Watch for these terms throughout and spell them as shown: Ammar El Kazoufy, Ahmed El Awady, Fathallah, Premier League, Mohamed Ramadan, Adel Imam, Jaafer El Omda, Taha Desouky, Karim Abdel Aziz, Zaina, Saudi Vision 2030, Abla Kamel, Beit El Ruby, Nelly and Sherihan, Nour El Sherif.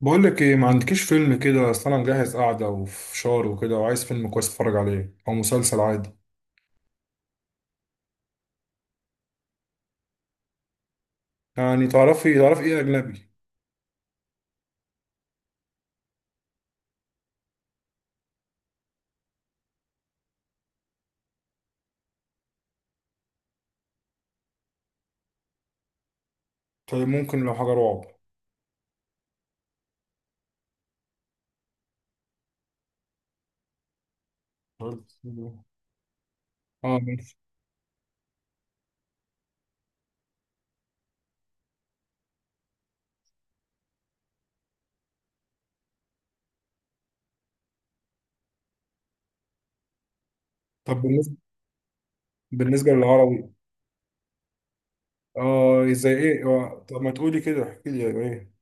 بقول لك ايه، ما عندكيش فيلم كده؟ اصل انا مجهز قعده وفشار وكده، وعايز فيلم كويس اتفرج عليه او مسلسل عادي. يعني تعرفي ايه اجنبي؟ طيب، ممكن لو حاجه رعب. اه، ماشي. طب بالنسبه للعربي، اه زي ايه؟ طب ما تقولي كده، احكي لي ايه.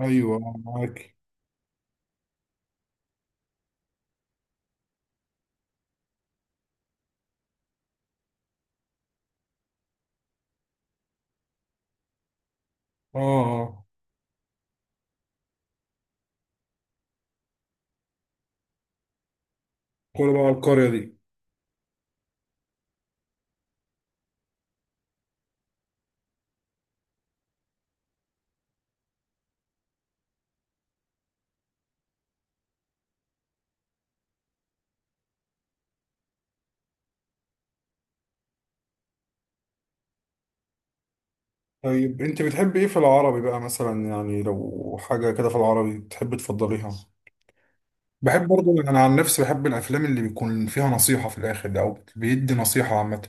ايوه، معاكي. اه، اه، كل بقى القريه دي؟ طيب، انت بتحبي ايه في العربي بقى مثلا؟ يعني لو حاجه كده في العربي تحبي تفضليها. بحب برضه، انا عن نفسي بحب الافلام اللي بيكون فيها نصيحه في الاخر ده، او بيدي نصيحه عامه.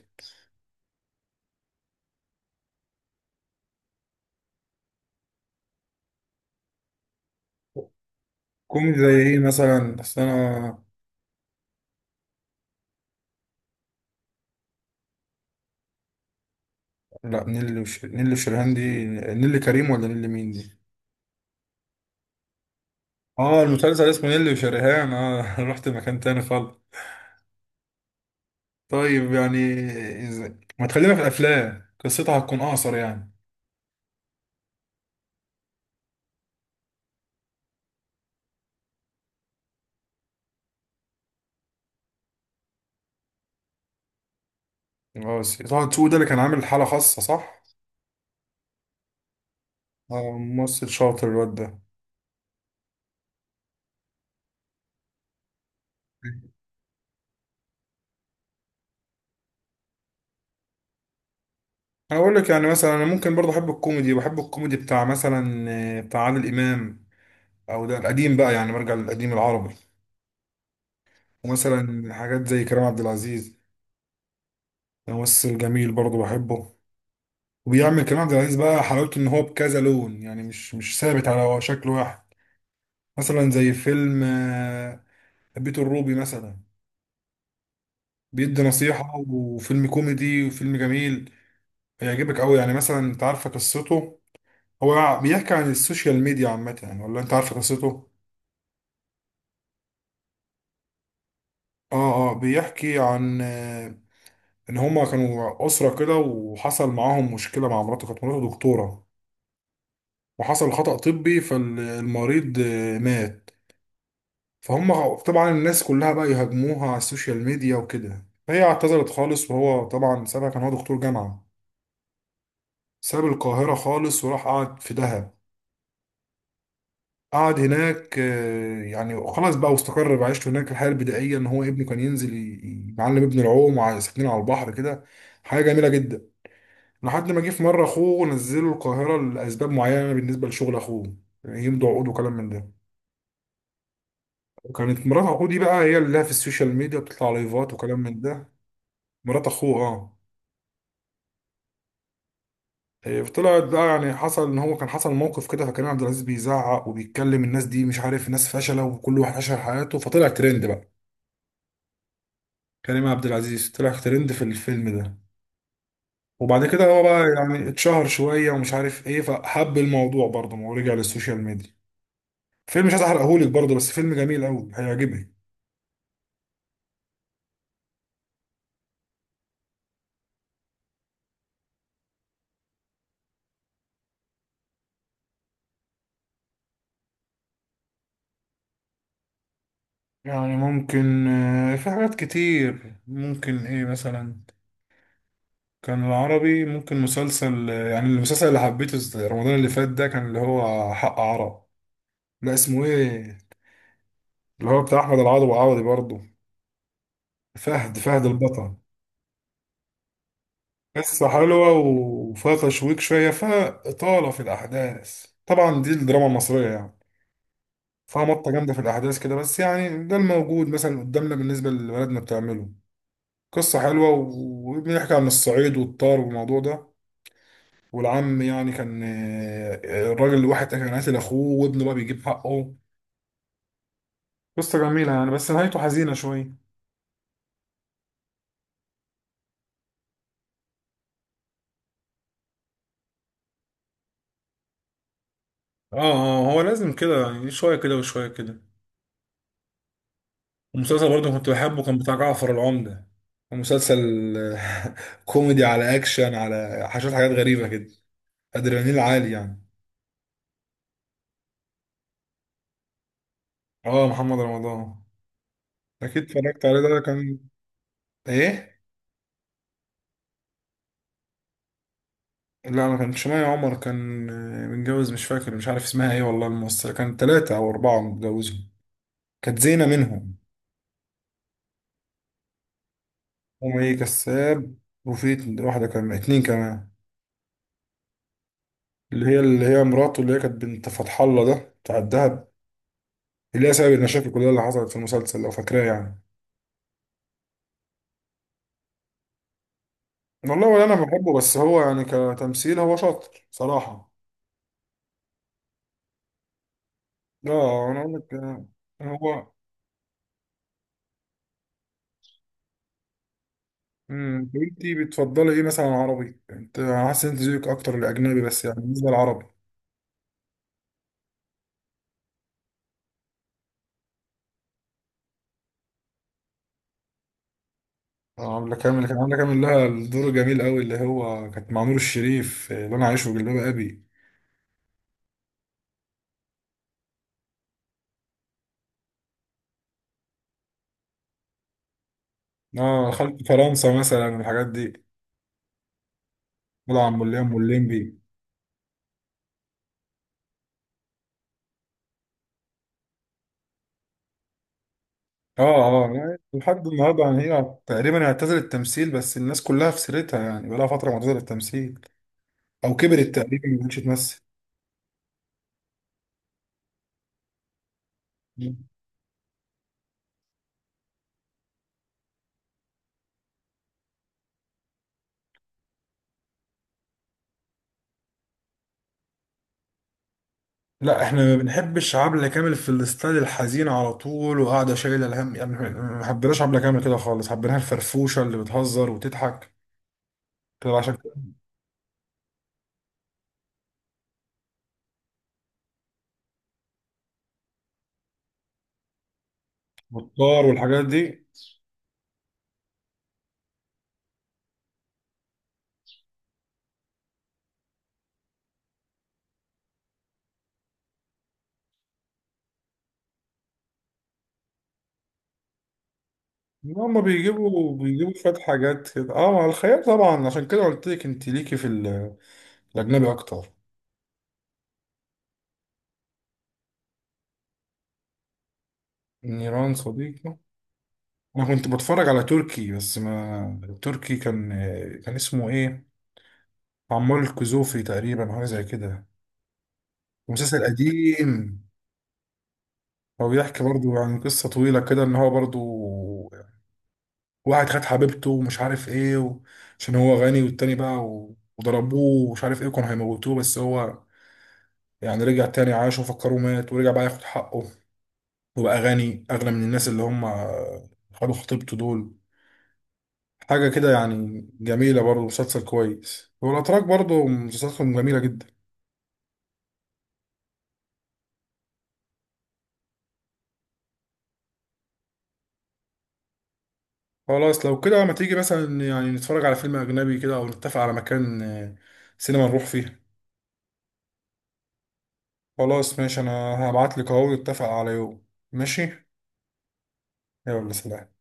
كوميدي زي ايه مثلا؟ بس انا. لا، نيللي وشريهان دي، نيللي كريم ولا نيللي مين دي؟ اه، المسلسل اسمه نيللي وشريهان، اه رحت مكان تاني خالص. طيب يعني إز- ما تخلينا في الافلام، قصتها هتكون اقصر يعني. خلاص، طه دسوقي ده اللي كان عامل حاله خاصه، صح؟ اه، ممثل شاطر الواد ده. انا اقول لك يعني، مثلا انا ممكن برضه احب الكوميدي، بحب الكوميدي بتاع مثلا بتاع عادل امام. او ده القديم بقى، يعني برجع للقديم العربي، ومثلا حاجات زي كريم عبد العزيز. ده ممثل جميل برضه بحبه. وبيعمل كريم عبد العزيز بقى، حلاوته ان هو بكذا لون يعني، مش ثابت على شكل واحد. مثلا زي فيلم بيت الروبي مثلا، بيدي نصيحة، وفيلم كوميدي، وفيلم جميل. هيعجبك قوي يعني. مثلا انت عارفه قصته؟ هو بيحكي عن السوشيال ميديا عامة يعني، ولا انت عارفه قصته؟ اه، اه، بيحكي عن ان هما كانوا اسره كده، وحصل معاهم مشكله مع مراته، كانت مراته دكتوره. وحصل خطأ طبي، فالمريض مات. فهم طبعا الناس كلها بقى يهاجموها على السوشيال ميديا وكده، فهي اعتذرت خالص، وهو طبعا سابها، كان هو دكتور جامعه. ساب القاهره خالص، وراح قعد في دهب. قعد هناك، يعني خلاص بقى واستقر بعيشته هناك، الحياه البدائيه ان هو ابنه كان ينزل يعلم ابنه العوم، وساكنين على البحر كده. حاجه جميله جدا. لحد ما جه في مره اخوه نزله القاهره لاسباب معينه بالنسبه لشغل اخوه، يمضي عقود وكلام من ده. وكانت مرات اخوه دي بقى هي اللي لها في السوشيال ميديا، بتطلع لايفات وكلام من ده. مرات اخوه، اه، إيه، طلعت بقى، يعني حصل ان هو كان حصل موقف كده، فكان عبد العزيز بيزعق وبيتكلم، الناس دي مش عارف، ناس فشله وكل واحد عاش حياته، فطلع ترند بقى. كريم عبد العزيز طلع ترند في الفيلم ده. وبعد كده هو بقى يعني اتشهر شويه ومش عارف ايه، فحب الموضوع برضه، ما هو رجع للسوشيال ميديا. فيلم، مش عايز احرقهولك برضه، بس فيلم جميل قوي هيعجبك. يعني ممكن في حاجات كتير، ممكن ايه مثلا. كان العربي ممكن مسلسل يعني المسلسل اللي حبيته رمضان اللي فات ده، كان اللي هو حق عرب. لا، اسمه ايه؟ اللي هو بتاع احمد العوضي، وعوضي برضه. فهد البطل. قصة حلوة وفيها تشويق شوية، فيها إطالة في الأحداث، طبعا دي الدراما المصرية يعني. فيها مطة جامدة في الأحداث كده، بس يعني ده الموجود مثلا قدامنا، بالنسبة لبلدنا بتعمله. قصة حلوة وبنحكي عن الصعيد والطار والموضوع ده. والعم يعني كان الراجل الواحد كان قاتل اخوه، وابنه بقى بيجيب حقه. قصة جميلة يعني، بس نهايته حزينة شوية. اه، اه، هو لازم كده يعني، شوية كده وشوية كده. ومسلسل برضه كنت بحبه، كان بتاع جعفر العمدة. مسلسل كوميدي على اكشن، على حاجات غريبة كده. ادرينالين عالي يعني. اه، محمد رمضان. اكيد اتفرجت عليه، ده كان. ايه؟ لا، ما كانش مي عمر، كان متجوز، مش فاكر، مش عارف اسمها ايه والله الممثلة، كان 3 او 4 متجوزين. كانت زينة منهم. هم، ايه كساب. وفي واحدة كمان، اتنين كمان. اللي هي مراته، اللي هي كانت بنت فتح الله ده بتاع الدهب، اللي هي سبب المشاكل كلها اللي حصلت في المسلسل، لو فاكراه يعني. والله، ولا انا بحبه، بس هو يعني كتمثيل هو شاطر صراحة. لا، انا اقول لك هو. انتي بتفضلي ايه مثلا عربي؟ انت، أنا حاسس ان انت ذوقك اكتر الاجنبي، بس يعني بالنسبة للعربي؟ عاملة كامل، كان عاملة كامل لها الدور الجميل قوي اللي هو كانت مع نور الشريف، اللي انا عايشه في جلباب ابي. اه، خلط فرنسا مثلا الحاجات دي. مولين والليمبي. اه، اه، يعني لحد النهارده يعني، هي تقريبا اعتزلت التمثيل، بس الناس كلها في سيرتها يعني، بقالها فتره معتزله التمثيل. او كبرت تقريبا، ما بقتش تمثل. لا، احنا ما بنحبش عبلة كامل في الستايل الحزين على طول، وقاعده شايله الهم يعني، احنا ما حبيناش عبلة كامل كده خالص، حبيناها الفرفوشه اللي بتهزر وتضحك كده، عشان بطار والحاجات دي. إن هما بيجيبوا شويه حاجات كده، اه، مع الخيال طبعا، عشان كده قلت لك انت ليكي في ال، الأجنبي أكتر. نيران صديقة. أنا كنت بتفرج على تركي، بس ما تركي، كان كان اسمه إيه؟ عمار الكزوفي تقريبا، حاجة زي كده، مسلسل قديم. هو بيحكي برضو عن قصة طويلة كده، إن هو برضو واحد خد حبيبته، ومش عارف إيه و، عشان هو غني، والتاني بقى و، وضربوه ومش عارف إيه، كانوا هيموتوه، بس هو يعني رجع تاني، عاش وفكره مات، ورجع بقى ياخد حقه. وبقى غني أغنى من الناس اللي هم خدوا خطيبته دول. حاجة كده يعني، جميلة برضه، مسلسل كويس، والأتراك برضه مسلسلاتهم جميلة جدا. خلاص لو كده، ما تيجي مثلا يعني نتفرج على فيلم أجنبي كده، أو نتفق على مكان سينما نروح فيه. خلاص ماشي، أنا هبعتلك أهو، نتفق على يوم. ماشي. يلا، سلام.